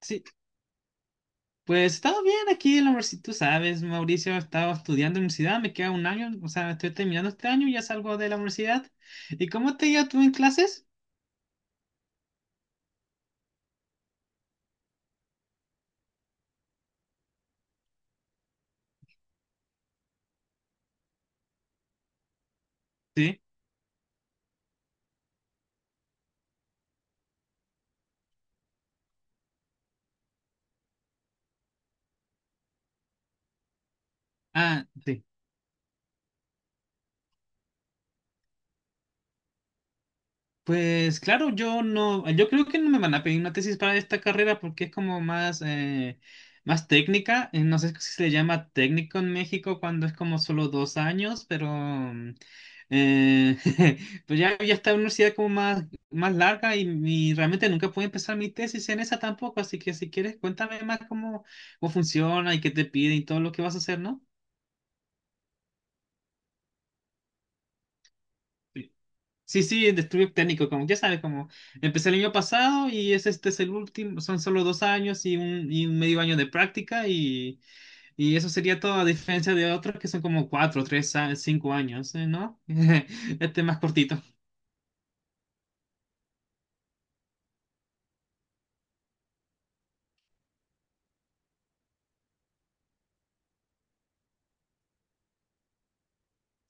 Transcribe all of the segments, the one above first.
Sí, pues he estado bien aquí en la universidad, tú sabes, Mauricio, he estado estudiando en la universidad, me queda un año, o sea, estoy terminando este año y ya salgo de la universidad. ¿Y cómo te iba tú en clases? Sí. Ah, sí. Pues claro, yo creo que no me van a pedir una tesis para esta carrera porque es como más, más técnica. No sé si se le llama técnico en México cuando es como solo dos años, pero eh, pues ya está en una universidad como más, más larga y realmente nunca pude empezar mi tesis en esa tampoco. Así que si quieres, cuéntame más cómo, cómo funciona y qué te pide y todo lo que vas a hacer, ¿no? Sí, sí, el estudio técnico, como ya sabes, como empecé el año pasado y es este es el último, son solo dos años y un medio año de práctica y eso sería todo a diferencia de otros que son como cuatro, tres, cinco años, ¿no? Este es más cortito.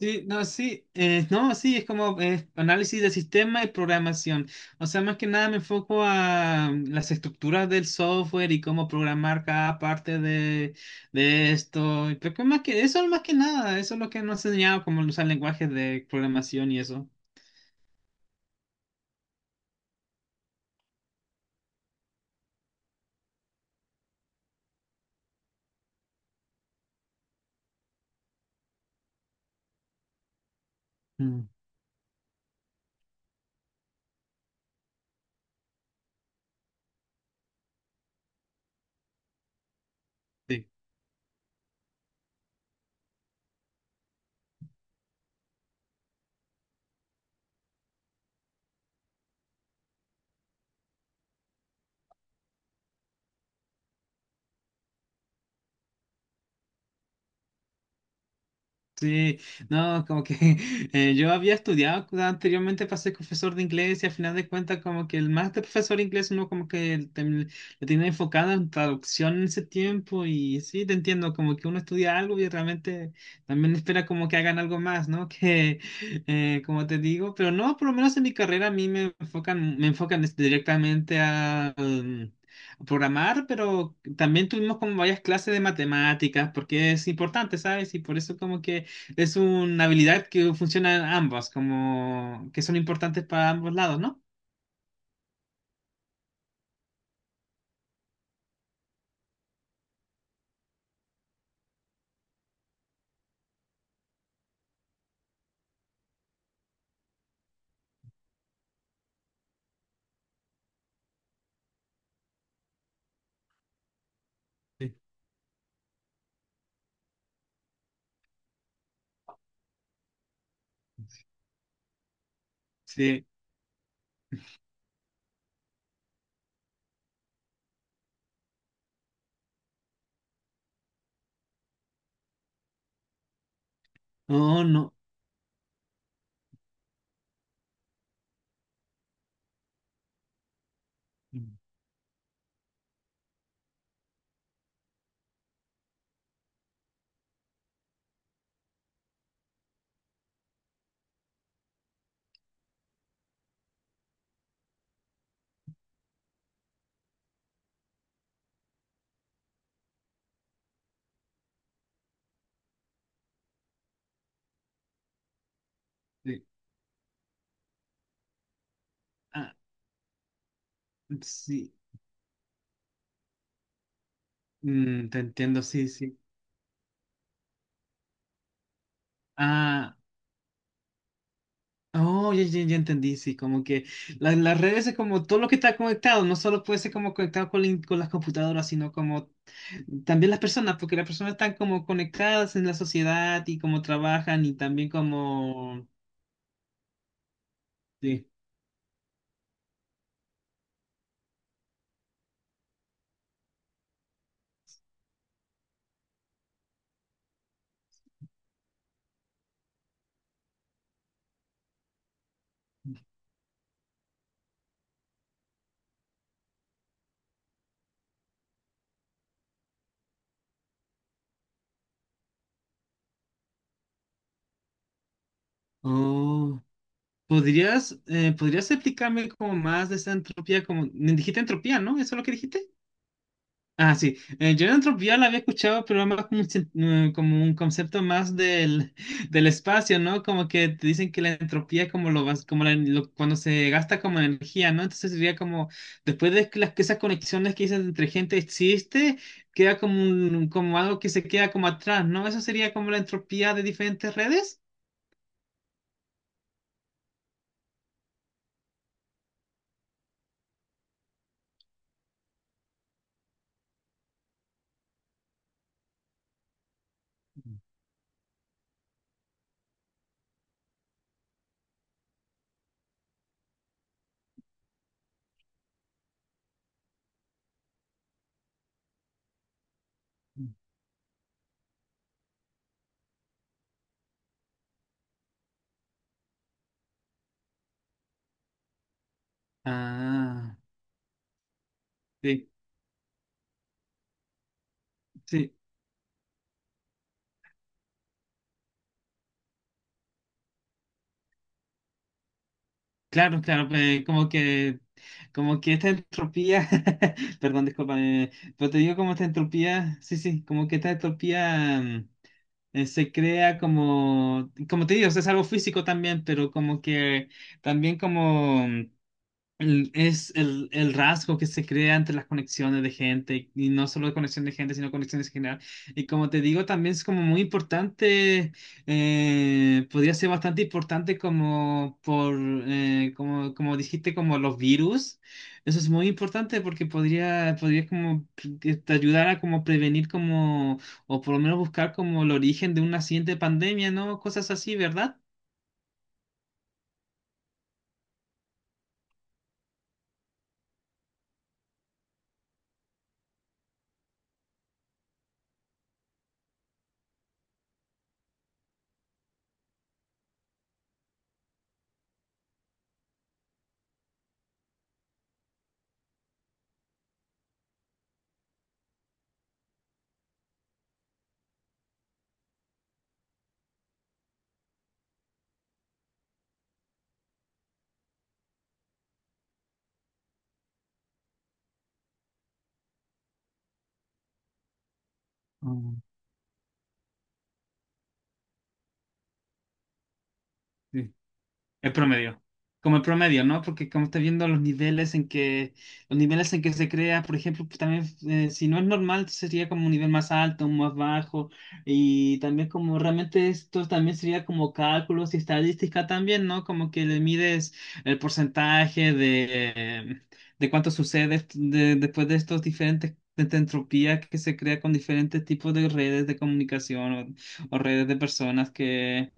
Sí, no, sí, no, sí, es como análisis de sistema y programación. O sea, más que nada me enfoco a las estructuras del software y cómo programar cada parte de esto. Pero que más que eso, más que nada, eso es lo que nos ha enseñado, como usar lenguajes de programación y eso. Mm. Sí. Sí, no, como que yo había estudiado anteriormente para ser profesor de inglés y al final de cuentas como que el máster profesor de inglés uno como que lo tiene enfocado en traducción en ese tiempo y sí, te entiendo, como que uno estudia algo y realmente también espera como que hagan algo más, ¿no? Que como te digo, pero no, por lo menos en mi carrera a mí me enfocan directamente a... a programar, pero también tuvimos como varias clases de matemáticas, porque es importante, ¿sabes? Y por eso como que es una habilidad que funciona en ambas, como que son importantes para ambos lados, ¿no? Sí. Sí. Oh, no. Sí. Ah, sí. Mm, te entiendo, sí, sí. Ah, oh, ya, ya, ya entendí, sí, como que las redes es como todo lo que está conectado, no solo puede ser como conectado con, con las computadoras, sino como también las personas, porque las personas están como conectadas en la sociedad y cómo trabajan y también como... Sí. ¿Podrías, ¿podrías explicarme como más de esa entropía? Como, dijiste entropía, ¿no? ¿Eso es lo que dijiste? Ah, sí. Yo la entropía la había escuchado, pero más como como un concepto más del, del espacio, ¿no? Como que te dicen que la entropía es como, como cuando se gasta como energía, ¿no? Entonces sería como, después de que esas conexiones que dices entre gente existe, queda como, como algo que se queda como atrás, ¿no? Eso sería como la entropía de diferentes redes. Ah, sí, sí. Claro, claro, pues, como que esta entropía, perdón, disculpa, pero te digo como esta entropía, sí, sí, como que esta entropía se crea como, como te digo, o sea, es algo físico también, pero como que también como es el rasgo que se crea entre las conexiones de gente, y no solo conexión de gente, sino conexiones en general. Y como te digo, también es como muy importante, podría ser bastante importante como por, como, como dijiste, como los virus. Eso es muy importante porque podría, podría como que te ayudar a como prevenir como, o por lo menos buscar como el origen de una siguiente pandemia, ¿no? Cosas así, ¿verdad? Mm. El promedio. Como el promedio, ¿no? Porque como estás viendo los niveles en que, los niveles en que se crea, por ejemplo, pues también si no es normal, sería como un nivel más alto, un más bajo, y también como realmente esto también sería como cálculos y estadística también, ¿no? Como que le mides el porcentaje de cuánto sucede después de estos diferentes de esta entropía que se crea con diferentes tipos de redes de comunicación o redes de personas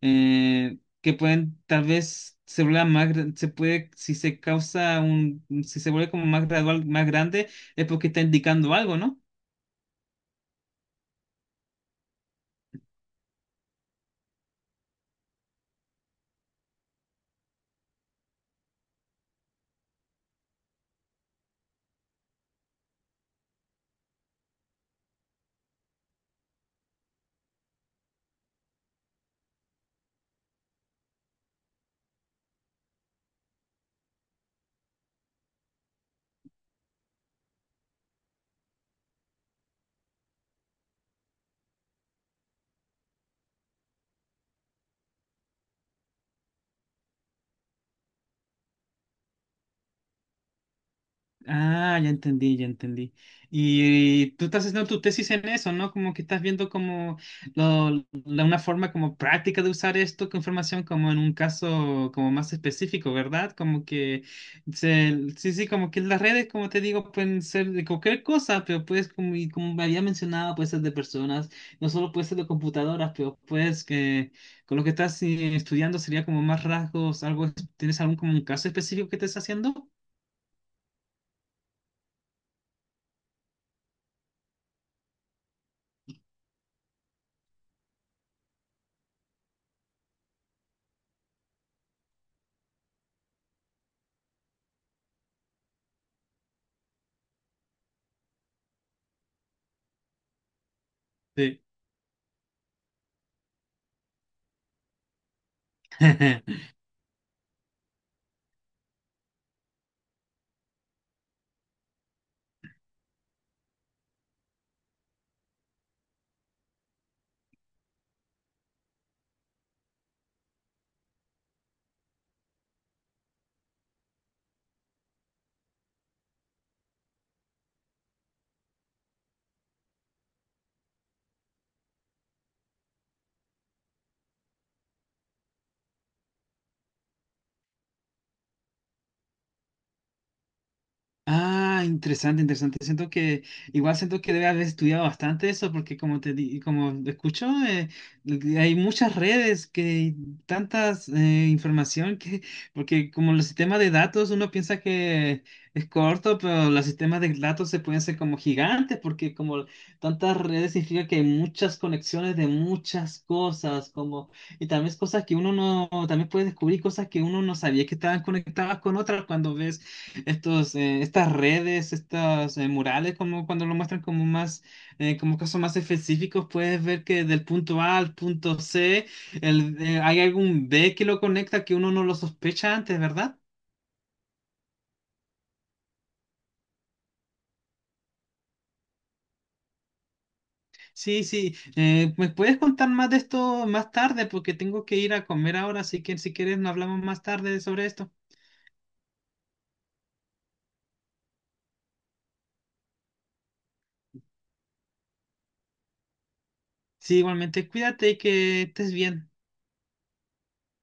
eh, que pueden tal vez se vuelva más, se puede, si se causa un, si se vuelve como más gradual, más grande, es porque está indicando algo, ¿no? Ah, ya entendí, ya entendí. Y tú estás haciendo tu tesis en eso, ¿no? Como que estás viendo como lo- la, una forma como práctica de usar esto con información como en un caso como más específico, ¿verdad? Como que sí, sí, como que las redes, como te digo, pueden ser de cualquier cosa, pero puedes, como, y como me había mencionado, puede ser de personas, no solo puede ser de computadoras, pero puedes que con lo que estás estudiando sería como más rasgos, algo, ¿tienes algún como un caso específico que estés haciendo? Sí. Ah, interesante, interesante. Siento que, igual siento que debe haber estudiado bastante eso, porque como como escucho, hay muchas redes que tantas información que, porque como los sistemas de datos, uno piensa que es corto, pero los sistemas de datos se pueden ser como gigantes, porque como tantas redes significa que hay muchas conexiones de muchas cosas, como, y también es cosas que uno no, también puede descubrir cosas que uno no sabía que estaban conectadas con otras cuando ves estos, estas redes, estos murales, como cuando lo muestran como más, como casos más específicos, puedes ver que del punto A al punto C, hay algún B que lo conecta que uno no lo sospecha antes, ¿verdad? Sí, sí. ¿me puedes contar más de esto más tarde? Porque tengo que ir a comer ahora, así que si quieres, nos hablamos más tarde sobre esto. Sí, igualmente, cuídate y que estés bien.